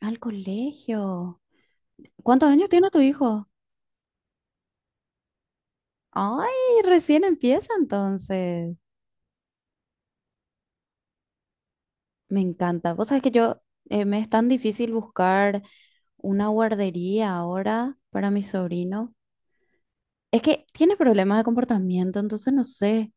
Al colegio. ¿Cuántos años tiene tu hijo? Ay, recién empieza entonces. Me encanta. Vos sabés que yo, me es tan difícil buscar una guardería ahora para mi sobrino. Es que tiene problemas de comportamiento, entonces no sé,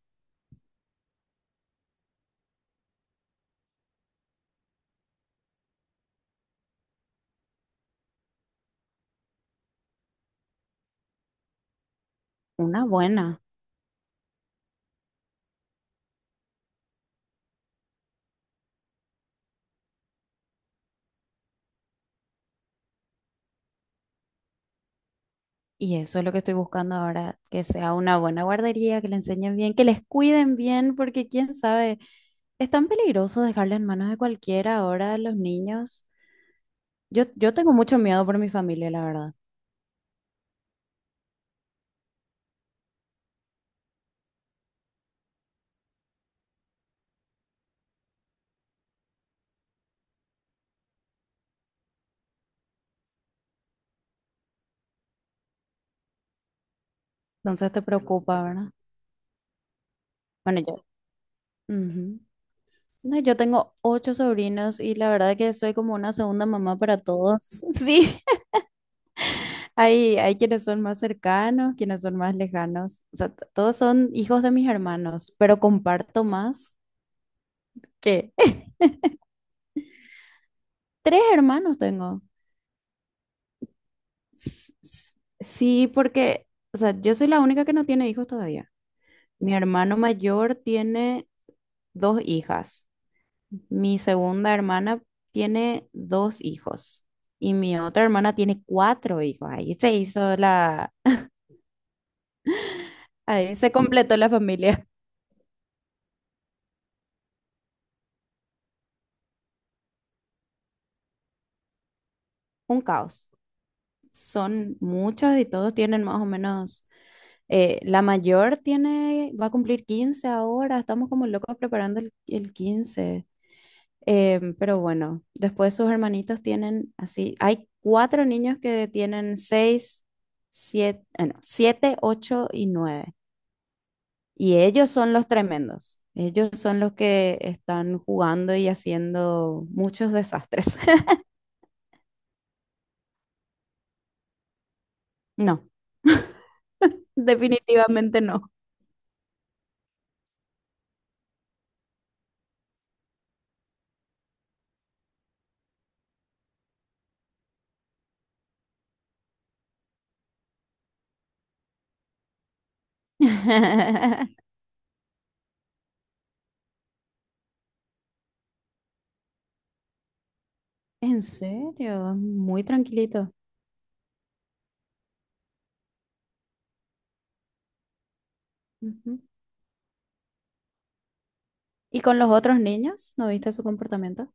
una buena. Y eso es lo que estoy buscando ahora, que sea una buena guardería, que le enseñen bien, que les cuiden bien, porque quién sabe, es tan peligroso dejarle en manos de cualquiera ahora a los niños. Yo tengo mucho miedo por mi familia, la verdad. Entonces te preocupa, ¿verdad? Bueno, yo. Ujú. No, yo tengo ocho sobrinos y la verdad que soy como una segunda mamá para todos. Sí, hay quienes son más cercanos, quienes son más lejanos. O sea, todos son hijos de mis hermanos, pero comparto más que tres hermanos tengo. S- s- Sí, porque, o sea, yo soy la única que no tiene hijos todavía. Mi hermano mayor tiene dos hijas. Mi segunda hermana tiene dos hijos y mi otra hermana tiene cuatro hijos. Ahí se completó la familia. Un caos. Son muchos y todos tienen más o menos, la mayor tiene, va a cumplir 15 ahora. Estamos como locos preparando el 15. Pero bueno, después sus hermanitos tienen así, hay cuatro niños que tienen seis, siete, no, siete, ocho y nueve. Y ellos son los tremendos. Ellos son los que están jugando y haciendo muchos desastres. No, definitivamente no. En serio, muy tranquilito. Ujú. ¿Y con los otros niños? ¿No viste su comportamiento?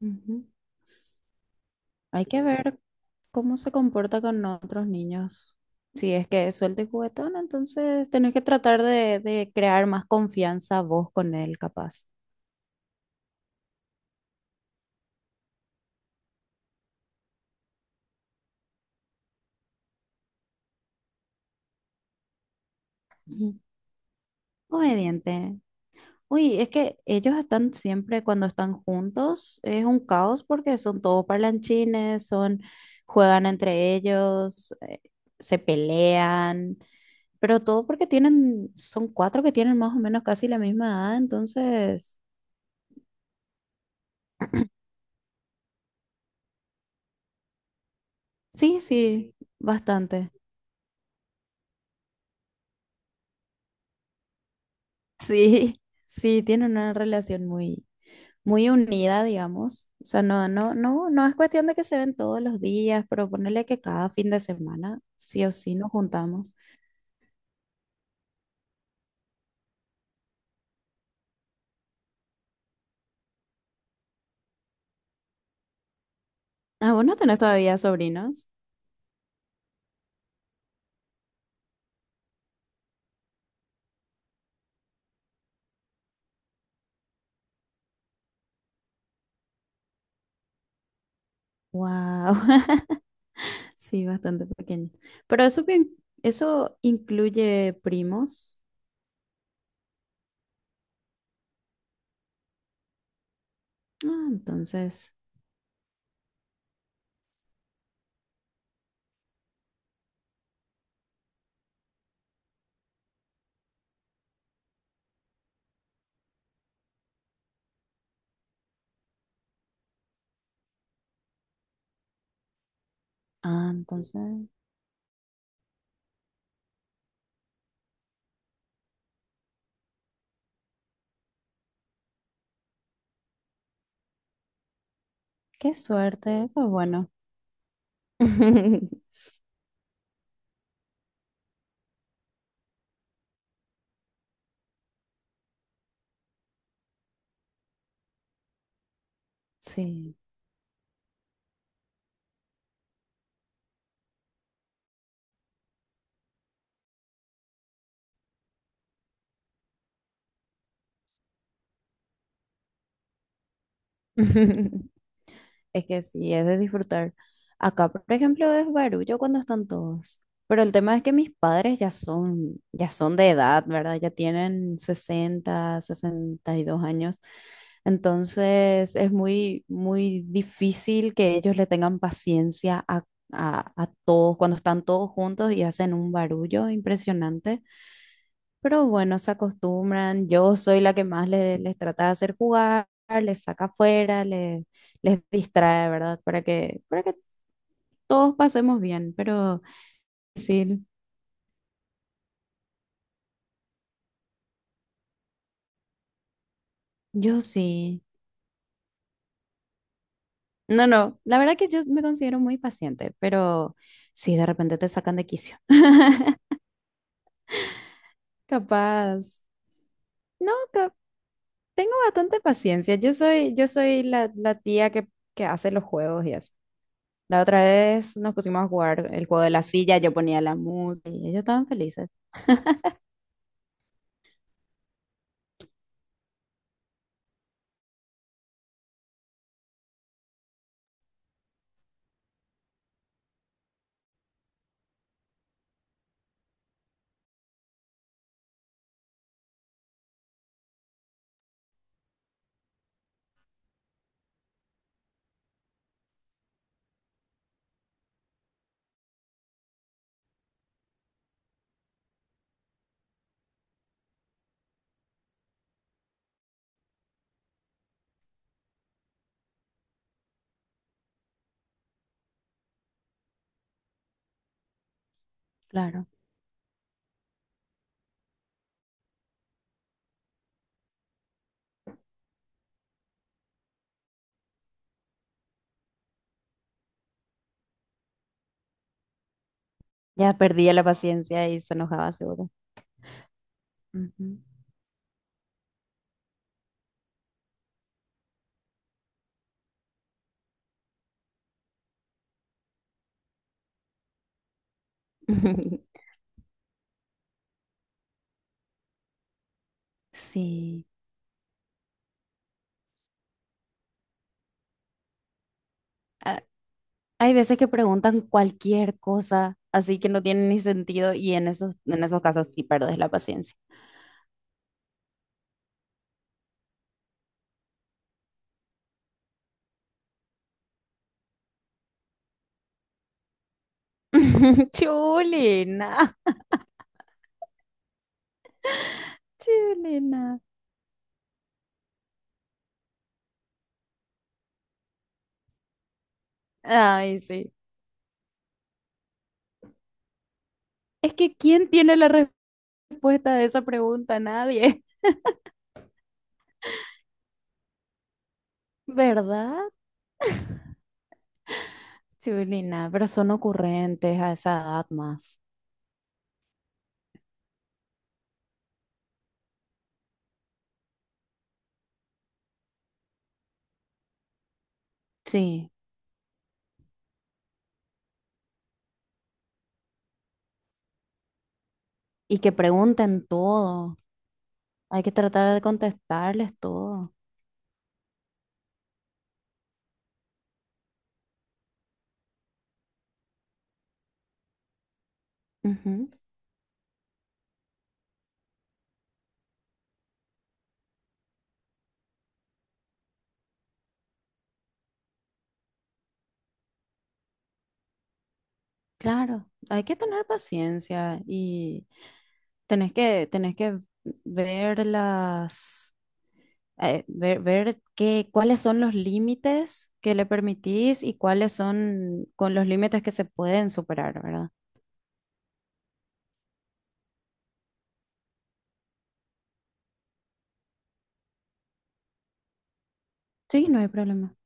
Ujú. Hay que ver cómo se comporta con otros niños. Si es que es suelto y juguetón, entonces tenés que tratar de crear más confianza vos con él, capaz. Ujú. Obediente. Uy, es que ellos están siempre cuando están juntos, es un caos porque son todos parlanchines, juegan entre ellos, se pelean, pero todo porque son cuatro que tienen más o menos casi la misma edad, entonces, sí, sí, bastante. Sí, sí, tienen una relación muy, muy unida, digamos. O sea, no, no, no, no es cuestión de que se ven todos los días, pero ponerle que cada fin de semana, sí o sí, nos juntamos. Ah, vos no tenés todavía sobrinos. Wow, sí, bastante pequeño. Pero eso bien, eso incluye primos. Ah, entonces, ah, entonces, qué suerte, eso es bueno. Sí. Es que sí, es de disfrutar. Acá, por ejemplo, es barullo cuando están todos. Pero el tema es que mis padres ya son de edad, ¿verdad? Ya tienen sesenta y dos años. Entonces es muy, muy difícil que ellos le tengan paciencia a todos cuando están todos juntos y hacen un barullo impresionante. Pero bueno, se acostumbran. Yo soy la que más les, trata de hacer jugar, les saca afuera, les distrae, ¿verdad? Para que todos pasemos bien. Pero sí, yo sí. No, no, la verdad que yo me considero muy paciente, pero sí, de repente te sacan de quicio. Capaz. No, tengo bastante paciencia. Yo soy la tía que hace los juegos y eso. La otra vez nos pusimos a jugar el juego de la silla, yo ponía la música y ellos estaban felices. Claro, ya perdía la paciencia y se enojaba seguro. Ujú. Sí. Ah, hay veces que preguntan cualquier cosa, así que no tiene ni sentido y en esos casos sí perdes la paciencia. Chulina, chulina. Ay, sí. Es que ¿quién tiene la respuesta de esa pregunta? Nadie, ¿verdad? Chulina, pero son ocurrentes a esa edad más. Sí, y que pregunten todo. Hay que tratar de contestarles todo. Ujú. Claro, hay que tener paciencia y tenés que ver ver qué, cuáles son los límites que le permitís y cuáles son con los límites que se pueden superar, ¿verdad? Sí, no hay problema.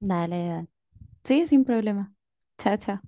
Dale, dale. Sí, sin problema. Chao, chao.